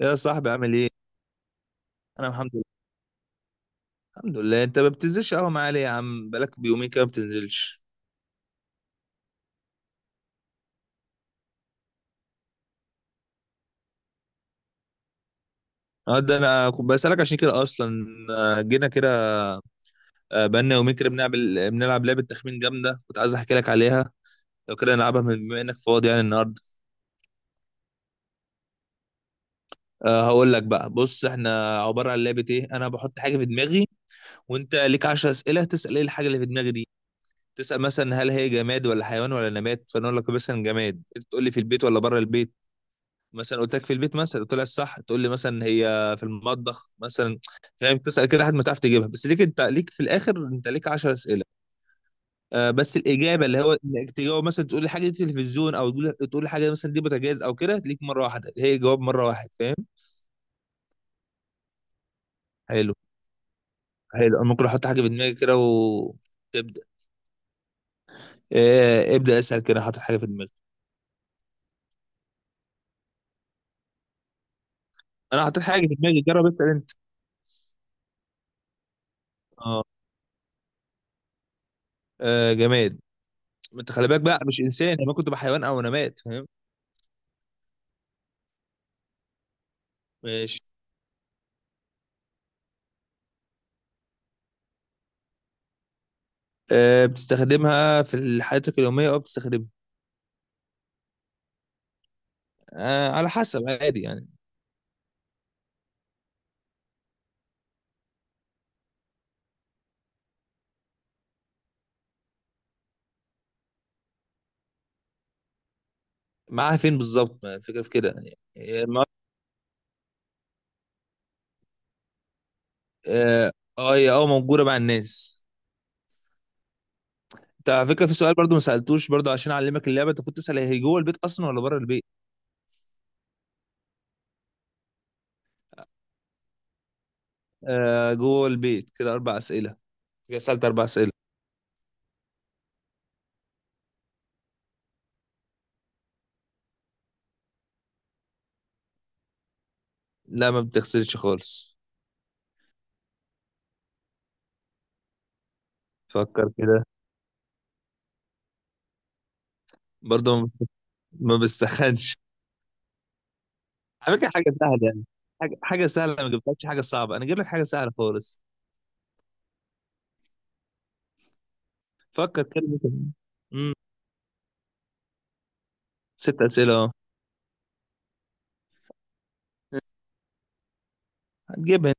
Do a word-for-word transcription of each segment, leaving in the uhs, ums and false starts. يا صاحبي عامل ايه؟ انا الحمد لله. الحمد لله، انت ما بتنزلش قهوه معايا ليه يا عم؟ بقالك بيومين كده ما بتنزلش. اه، ده انا كنت بسألك عشان كده اصلا. آه، جينا كده. آه، بقالنا يومين كده بنلعب بنلعب لعبه تخمين جامده كنت عايز احكي لك عليها. لو كده نلعبها بما انك فاضي يعني النهارده. أه هقول لك بقى، بص، احنا عباره عن لعبه ايه؟ انا بحط حاجه في دماغي، وانت ليك عشرة اسئله تسأل ايه الحاجه اللي في دماغي دي. تسأل مثلا هل هي جماد ولا حيوان ولا نبات، فانا اقول لك مثلا جماد، انت تقول لي في البيت ولا بره البيت. مثلا قلت لك في البيت، مثلا طلع صح، تقول لي مثلا هي في المطبخ مثلا. فاهم؟ تسال كده لحد ما تعرف تجيبها، بس ليك، انت ليك في الاخر، انت ليك عشرة اسئله. آه، بس الاجابه، اللي هو انك تجاوب مثلا تقول لي حاجه دي تلفزيون، او تقول تقول لي حاجه مثلا دي بوتاجاز او كده، ليك مره واحده، هي جواب مره واحد، فاهم؟ حلو. حلو، انا ممكن احط حاجه في دماغي كده وتبدا. آه، ابدا اسال كده، حاطط حاجه في دماغي. انا حاطط حاجه في دماغي، جرب اسال انت. اه. آه، جماد. ما انت خلي بالك بقى، مش انسان، انا كنت بحيوان او نبات، فاهم؟ ماشي. آه، بتستخدمها في حياتك اليومية، أو بتستخدمها. آه، على حسب، عادي يعني. معاها فين بالظبط؟ ما الفكرة في كده يعني، هي ما- اه. آه، هي اه موجودة مع الناس. انت على فكرة في سؤال برضو ما سألتوش برضو، عشان أعلمك اللعبة، انت المفروض تسأل هي جوه البيت أصلا ولا بره البيت. آه، جوه البيت. كده أربع أسئلة، كده سألت أربع أسئلة. لا، ما بتغسلش خالص. فكر كده. برضو ما بت- ما بتسخنش. على فكرة حاجة سهلة يعني. حاجة حاجة سهلة، أنا ما جبتلكش حاجة صعبة، أنا جايب لك حاجة سهلة خالص. فكر كده، ممكن. ست اسئله، اه. هتجيبها.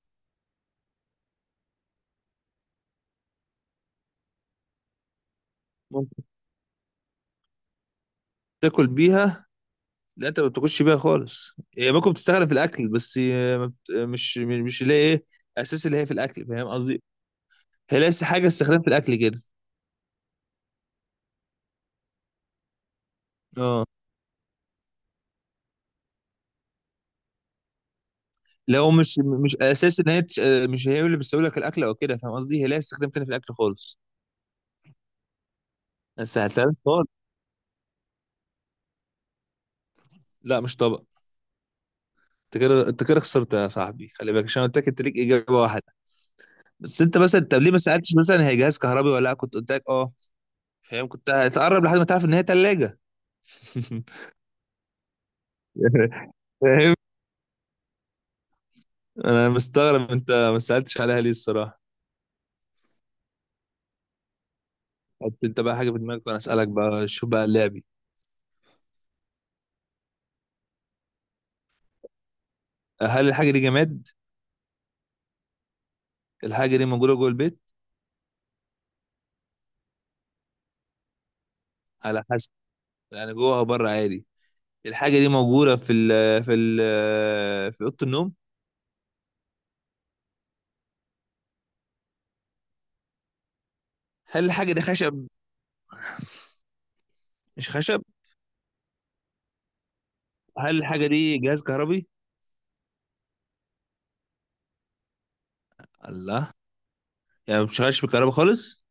ممكن تاكل بيها. لا، انت ما بتاكلش بيها خالص، هي ممكن بتستخدم في الاكل، بس هي ما بت- مش مش اللي هي ايه، اساس اللي هي في الاكل، فاهم قصدي؟ هي ليس حاجه استخدام في الاكل كده. اه. لو مش مش اساس ان هي تش- آه، مش هي اللي بتسوي لك الاكل او كده، فاهم قصدي؟ هي ليها استخدام تاني في الاكل خالص. بس سهلتها لك خالص. لا، مش طبق. انت كده انت كده خسرت يا صاحبي، خلي بالك، عشان قلت لك انت ليك اجابه واحده. بس انت مثلا، طب ليه ما سالتش مثلا هي جهاز كهربي ولا لا؟ كنت قلت لك اه، فاهم؟ كنت هتقرب لحد ما تعرف ان هي ثلاجه. فاهم. انا مستغرب انت ما سالتش عليها ليه الصراحه. حط انت بقى حاجه في دماغك وانا اسالك بقى، شوف بقى لعبي. هل الحاجه دي جماد؟ الحاجه دي موجوده جوه البيت؟ على حسب، يعني جوه او بره عادي. الحاجه دي موجوده في ال في ال في اوضه النوم؟ هل الحاجه دي خشب؟ مش خشب. هل الحاجه دي جهاز كهربي؟ الله. يعني مش خش بالكهرباء خالص.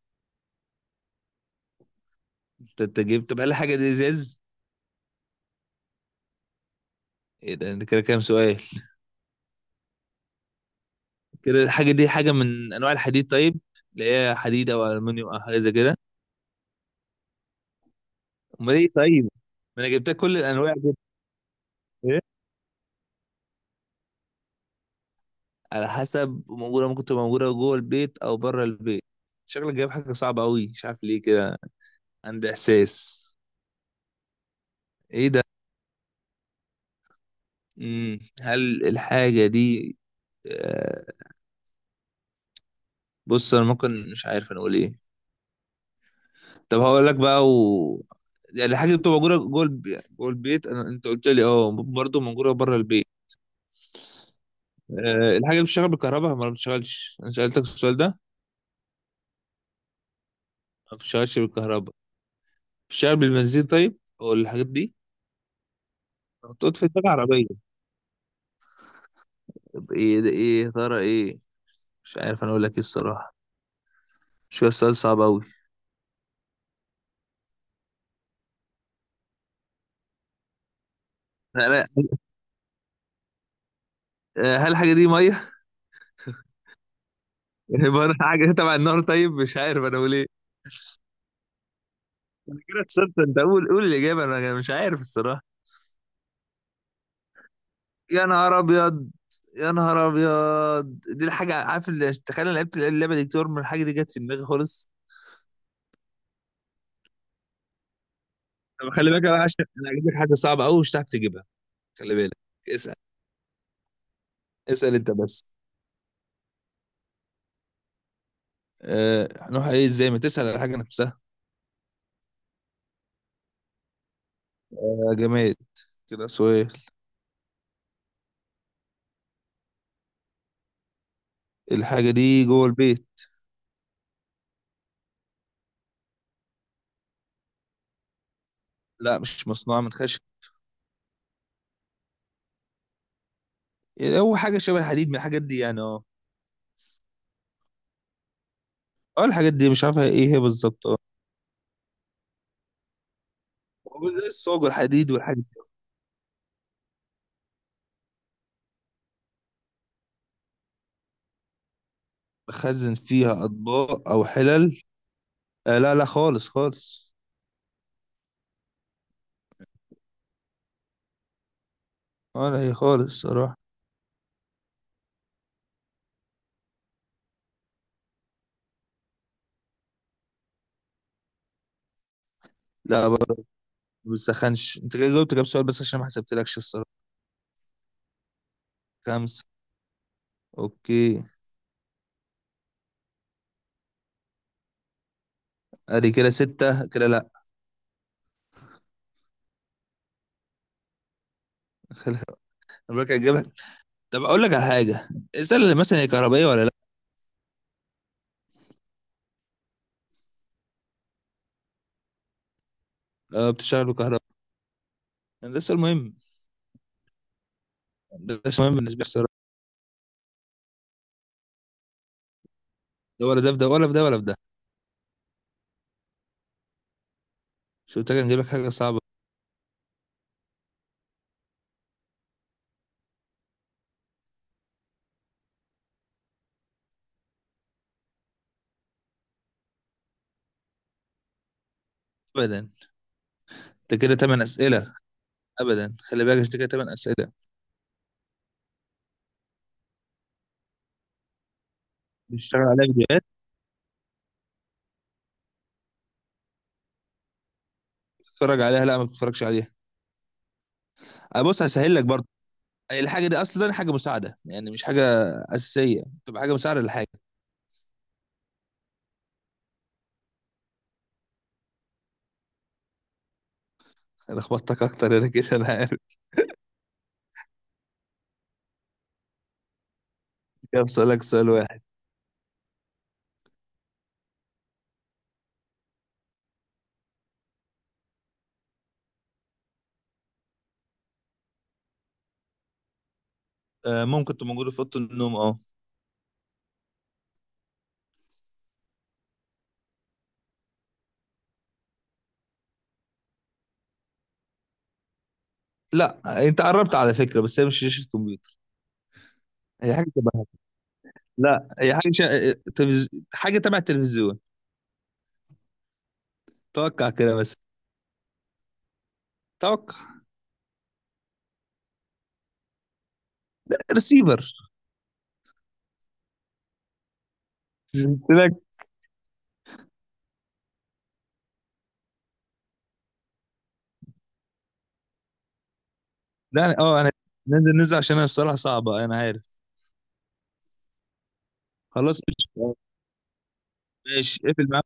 انت انت جبت، طب هل الحاجه دي ازاز؟ ايه ده، انت كده كام سؤال؟ كده الحاجه دي حاجه من انواع الحديد طيب، اللي هي حديد او المونيوم او حاجه زي كده. امال ايه طيب؟ ما انا جبت لك كل الانواع دي. ايه، على حسب موجوده، ممكن تبقى موجوده جوه البيت او بره البيت. شكلك جايب حاجه صعبه قوي، مش عارف ليه كده، عندي احساس. ايه ده. امم هل الحاجه دي آه، بص، انا ممكن مش عارف انا اقول ايه. طب هقول لك بقى، و، يعني الحاجه اللي بتبقى موجوده جوه البي- جوه البيت، انا انت قلت لي اه برضه موجوده بره البيت. أه، الحاجه اللي بتشتغل بالكهرباء ما بتشتغلش، انا سالتك السؤال ده. ما بتشتغلش بالكهرباء. بتشتغل بالبنزين طيب، او الحاجات دي؟ محطوط في دماغ عربية. طب ايه ده؟ ايه يا ترى؟ ايه؟ مش عارف انا اقول لك ايه الصراحة، شو السؤال صعب اوي. انا، آه، هل الحاجة دي مية؟ عبارة عن حاجة تبع النار طيب؟ مش عارف انا اقول ايه. انا كده خسرت، انت قول قول الإجابة، انا، أنا مش عارف الصراحة. يا نهار ابيض. يا نهار ابيض، دي الحاجة، عارف اللي، تخيل، انا لعبت اللعبة دي كتير، من الحاجة دي جت في دماغي خالص. طب خلي بالك بقى، عشان انا هجيب لك حاجة صعبة اوي، مش هتعرف تجيبها. خلي بالك. اسأل. اسأل انت بس. أه، هنروح ايه ازاي؟ ما تسأل على حاجة نفسها. أه، جماد. كده سؤال. الحاجة دي جوه البيت. لا، مش مصنوعة من خشب. إيه، هو حاجة شبه الحديد من الحاجات دي يعني، اه. اه، الحاجات دي مش عارفة ايه هي بالظبط، اه. هو زي الصاج والحديد والحاجات دي. بخزن فيها أطباق أو حلل؟ آه، لا، لا خالص، خالص. اه، لا، هي خالص صراحة. لا، ما بتسخنش. انت كده جاوبت كام سؤال بس عشان ما حسبتلكش الصراحة. خمسة. اوكي. ادي كده ستة، كده لا. انا بقى هجيب لك، طب اقول لك على حاجة. السلة اللي مثلا هي كهربائية ولا لا؟ آه، بتشتغل بكهرباء. ده السؤال مهم. ده السؤال مهم بالنسبة لي الصراحة. ده ولا ده، في ده ولا في ده ولا في ده. شو قلت لك نجيب لك حاجه صعبه. ابدا. انت كده تمن اسئله. ابدا، خلي بالك، انت كده تمن اسئله. بتشتغل عليها فيديوهات، بتتفرج عليها. لا، ما بتتفرجش عليها. أه، بص، هسهل لك برضه. الحاجه دي اصلا حاجه مساعده، يعني مش حاجه اساسيه، تبقى حاجه مساعده للحاجه. انا خبطتك اكتر انا، كده انا عارف. كده بسألك سؤال واحد. أه، ممكن تبقى موجوده في اوضه النوم، اه. لا، انت قربت على فكره، بس هي مش شاشه كمبيوتر. هي حاجه تبع، لا هي حاجه شا... تلفز... حاجه تبع التلفزيون. توقع كده بس. توقع. ريسيفر. قلت لك. لا أنا- اه انا، ننزل ننزل عشان انا الصراحه صعبه انا عارف. خلاص، قشطة. ماشي، اقفل معاه.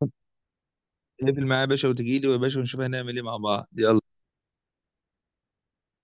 اقفل معاه يا باشا، وتجيلي يا باشا، ونشوف هنعمل ايه مع بعض، يلا.